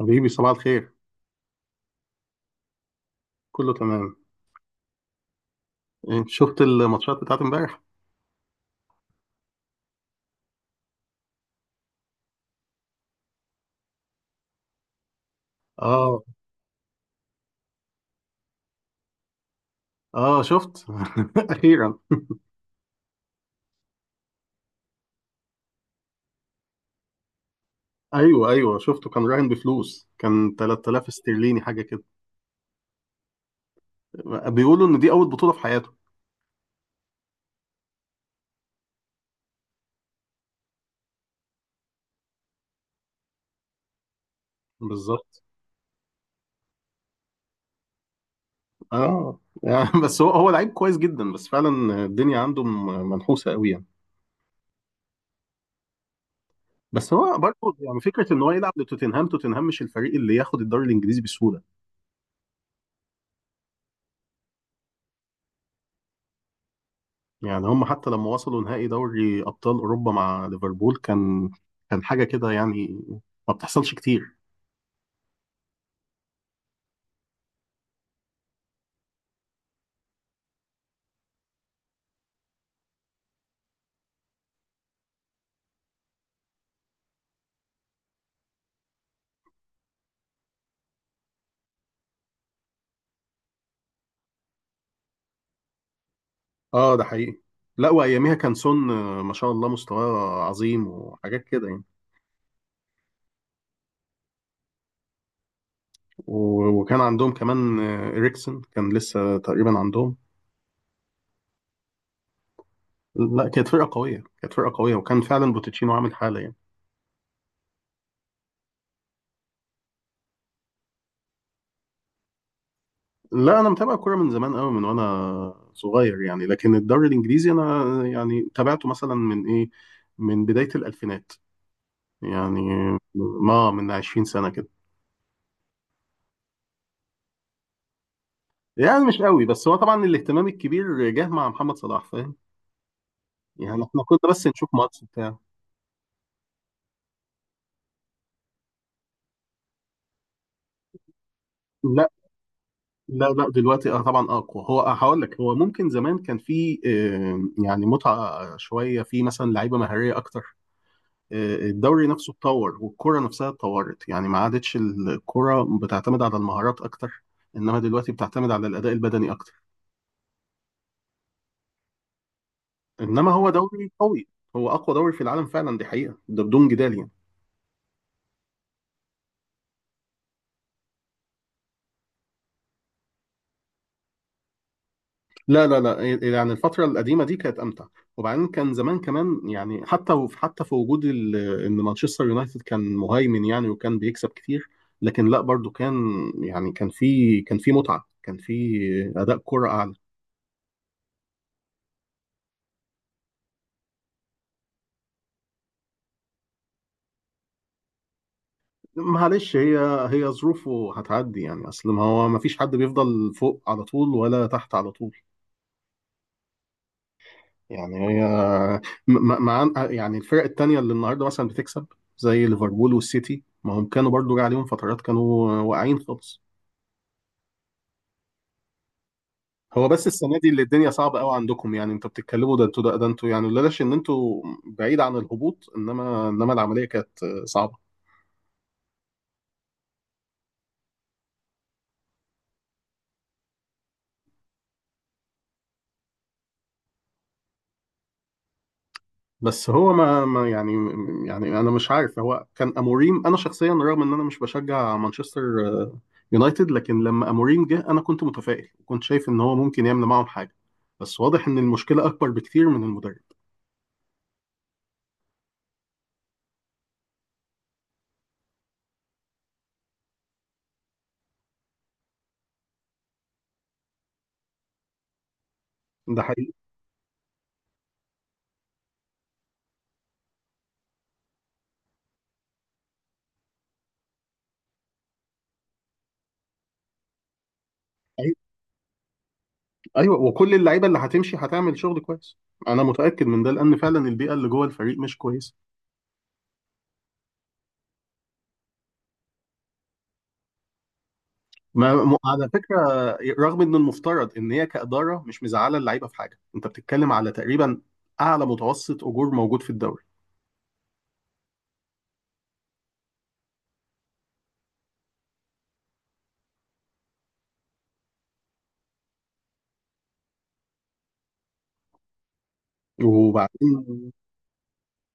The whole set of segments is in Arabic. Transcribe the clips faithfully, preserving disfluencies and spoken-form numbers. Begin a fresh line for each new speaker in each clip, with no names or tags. حبيبي صباح الخير. كله تمام. إيه، شفت الماتشات بتاعت امبارح. اه. اه شفت. اخيرا. ايوه ايوه شفته، كان راهن بفلوس، كان تلاتة آلاف استرليني حاجه كده. بيقولوا ان دي اول بطوله في حياته. بالظبط. اه يعني بس هو هو لعيب كويس جدا، بس فعلا الدنيا عنده م- منحوسه قوي يعني. بس هو برضه يعني فكره ان هو يلعب لتوتنهام، توتنهام مش الفريق اللي ياخد الدوري الانجليزي بسهوله. يعني هم حتى لما وصلوا نهائي دوري أبطال أوروبا مع ليفربول كان، كان حاجة كده يعني، ما بتحصلش كتير. اه ده حقيقي. لا، وأياميها كان سون آه، ما شاء الله مستواه عظيم وحاجات كده يعني. و- وكان عندهم كمان آه، إريكسن كان لسه تقريبا عندهم. لا، كانت فرقة قوية، كانت فرقة قوية، وكان فعلا بوتيتشينو عامل حالة يعني. لا، أنا متابع الكورة من زمان قوي، من وأنا صغير يعني. لكن الدوري الإنجليزي أنا يعني تابعته مثلا من إيه، من بداية الألفينات يعني، ما من عشرين سنة كده. يعني مش قوي، بس هو طبعا الاهتمام الكبير جه مع محمد صلاح، فاهم؟ يعني احنا كنا بس نشوف ماتش بتاع. لا لا لا دلوقتي اه طبعا اقوى. هو آه هقول لك، هو ممكن زمان كان في آه، يعني متعة شوية في مثلا لعيبة مهارية اكتر. آه، الدوري نفسه اتطور والكرة نفسها اتطورت، يعني ما عادتش الكرة بتعتمد على المهارات اكتر، انما دلوقتي بتعتمد على الاداء البدني اكتر. انما هو دوري قوي، هو اقوى دوري في العالم فعلا، دي حقيقة، ده بدون جدال يعني. لا لا لا إيه، إيه، يعني الفترة القديمة دي كانت أمتع. وبعدين كان زمان كمان يعني، حتى وف- حتى في وجود ال- إن مانشستر يونايتد كان مهيمن يعني، وكان بيكسب كتير، لكن لا برضو كان يعني، كان في، كان في متعة، كان في أداء كرة أعلى. معلش، هي، هي ظروفه هتعدي يعني. أصل ما هو ما فيش حد بيفضل فوق على طول ولا تحت على طول. يعني هي م- م- مع يعني الفرق التانية اللي النهاردة مثلا بتكسب زي ليفربول والسيتي، ما هم كانوا برضو جه عليهم فترات كانوا واقعين خالص. هو بس السنه دي اللي الدنيا صعبه قوي عندكم يعني. انتوا بتتكلموا ده انتوا ده, ده انتوا يعني لولاش ان انتوا بعيد عن الهبوط، انما انما العمليه كانت صعبه. بس هو ما, ما يعني، يعني انا مش عارف، هو كان اموريم، انا شخصيا رغم ان انا مش بشجع مانشستر آه، يونايتد، لكن لما اموريم جه انا كنت متفائل وكنت شايف ان هو ممكن يعمل معاهم حاجه، بس واضح ان المشكله اكبر بكتير من المدرب. ده حقيقي. حقيقي. ايوه، وكل اللعيبه اللي هتمشي هتعمل شغل كويس، انا متاكد من ده، لان فعلا البيئه اللي جوه الفريق مش كويسه. ما م- على فكره، رغم ان المفترض ان هي كاداره مش مزعله اللعيبه في حاجه، انت بتتكلم على تقريبا اعلى متوسط اجور موجود في الدوري. وبعدين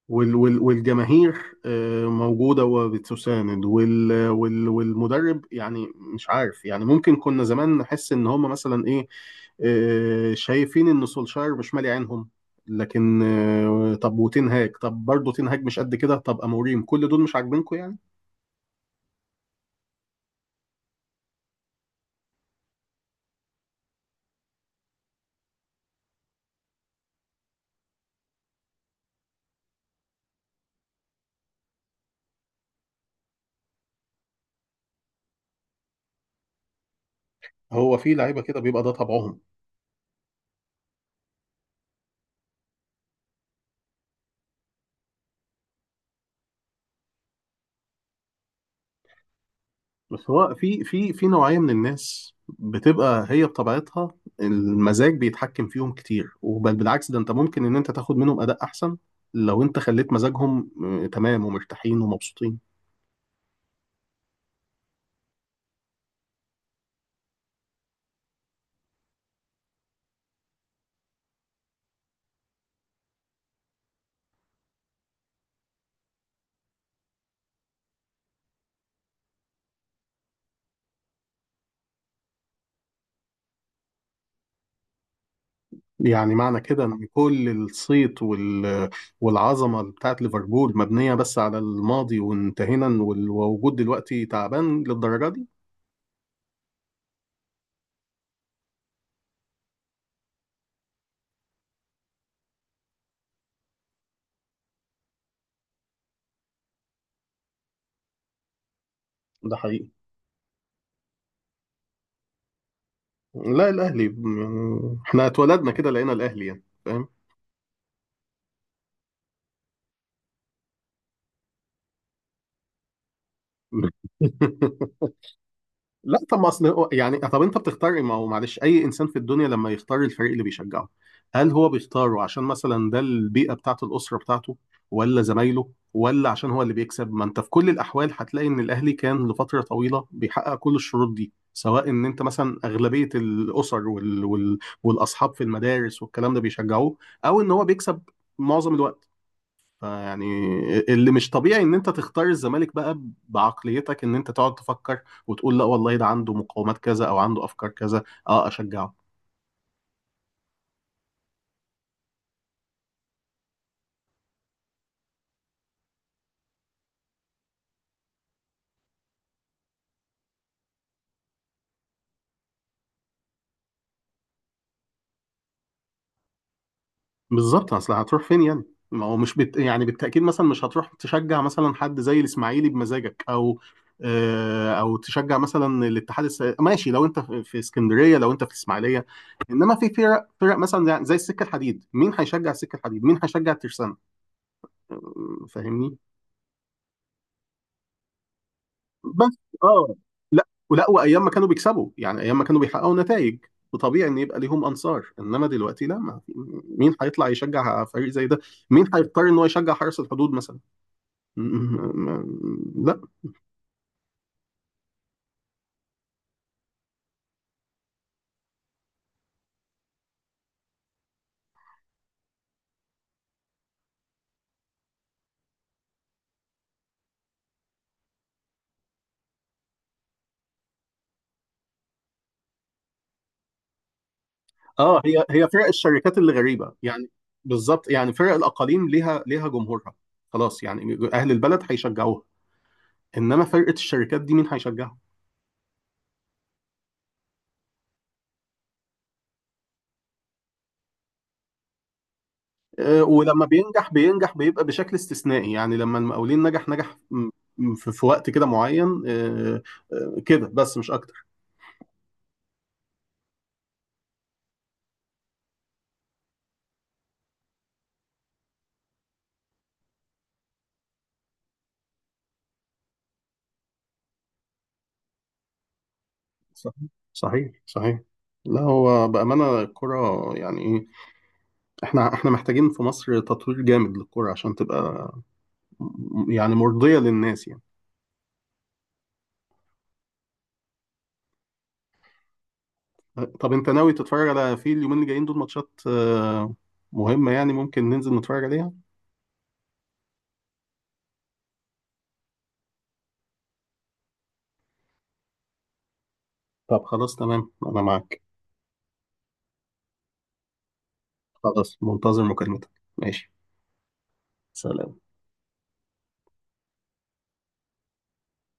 وال وال والجماهير آه، موجوده وبتساند وال وال والمدرب يعني. مش عارف يعني، ممكن كنا زمان نحس ان هم مثلا ايه، آه، شايفين ان سولشاير مش مالي عينهم، لكن آه، طب وتنهاج، طب برضه تنهاج مش قد كده، طب اموريم، كل دول مش عاجبينكم يعني. هو في لعيبه كده بيبقى ده طبعهم. بس هو في في في نوعية من الناس بتبقى هي بطبيعتها المزاج بيتحكم فيهم كتير، وبل بالعكس، ده انت ممكن ان انت تاخد منهم اداء احسن لو انت خليت مزاجهم آه، تمام، ومرتاحين ومبسوطين. يعني معنى كده ان كل الصيت وال والعظمة بتاعت ليفربول مبنية بس على الماضي وانتهينا، وال- ووجود دلوقتي تعبان للدرجة دي. ده حقيقي. لا، الاهلي، م- احنا اتولدنا كده لقينا الاهلي يعني، فاهم؟ لا طب ما اصل هو- يعني، طب انت بتختار، ما هو معلش اي انسان في الدنيا لما يختار الفريق اللي بيشجعه، هل هو بيختاره عشان مثلا ده البيئه بتاعته، الاسره بتاعته، ولا زمايله، ولا عشان هو اللي بيكسب؟ ما انت في كل الاحوال هتلاقي ان الاهلي كان لفتره طويله بيحقق كل الشروط دي، سواء ان انت مثلا اغلبيه الاسر وال... وال... والاصحاب في المدارس والكلام ده بيشجعوه، او ان هو بيكسب معظم الوقت. فيعني اللي مش طبيعي ان انت تختار الزمالك بقى بعقليتك، ان انت تقعد تفكر وتقول لا والله ده عنده مقومات كذا او عنده افكار كذا اه اشجعه. بالظبط، اصل هتروح فين يعني؟ ما هو مش بت... يعني بالتاكيد مثلا مش هتروح تشجع مثلا حد زي الاسماعيلي بمزاجك، او آه، او تشجع مثلا الاتحاد الس... ماشي، لو انت في في اسكندريه، لو انت في الاسماعيليه. انما في فرق فرق مثلا زي زي السكه الحديد، مين هيشجع السكه الحديد، مين هيشجع الترسانه؟ آه، فاهمني؟ بس اه، لا ولا وايام ما كانوا بيكسبوا يعني، ايام ما كانوا بيحققوا نتائج وطبيعي ان يبقى ليهم انصار، انما دلوقتي لا. ما مين هيطلع يشجع فريق زي ده؟ مين هيضطر ان هو يشجع حرس الحدود مثلا؟ م- م- م- لا. اه، هي هي فرق الشركات اللي غريبه يعني. بالظبط، يعني فرق الاقاليم ليها، ليها جمهورها، خلاص يعني اهل البلد هيشجعوها، انما فرقه الشركات دي مين هيشجعها؟ آه، ولما بينجح بينجح بيبقى بشكل استثنائي يعني، لما المقاولين نجح، نجح م- في في وقت كده معين آه، آه، كده بس مش اكتر. صحيح، صحيح، صحيح. لا هو بأمانة الكرة يعني ايه، احنا احنا محتاجين في مصر تطوير جامد للكرة عشان تبقى م- يعني مرضية للناس يعني. طب انت ناوي تتفرج على، في اليومين اللي جايين دول، ماتشات آه، مهمة يعني، ممكن ننزل نتفرج عليها؟ طب خلاص تمام، انا معاك. خلاص منتظر مكالمتك. ماشي. سلام.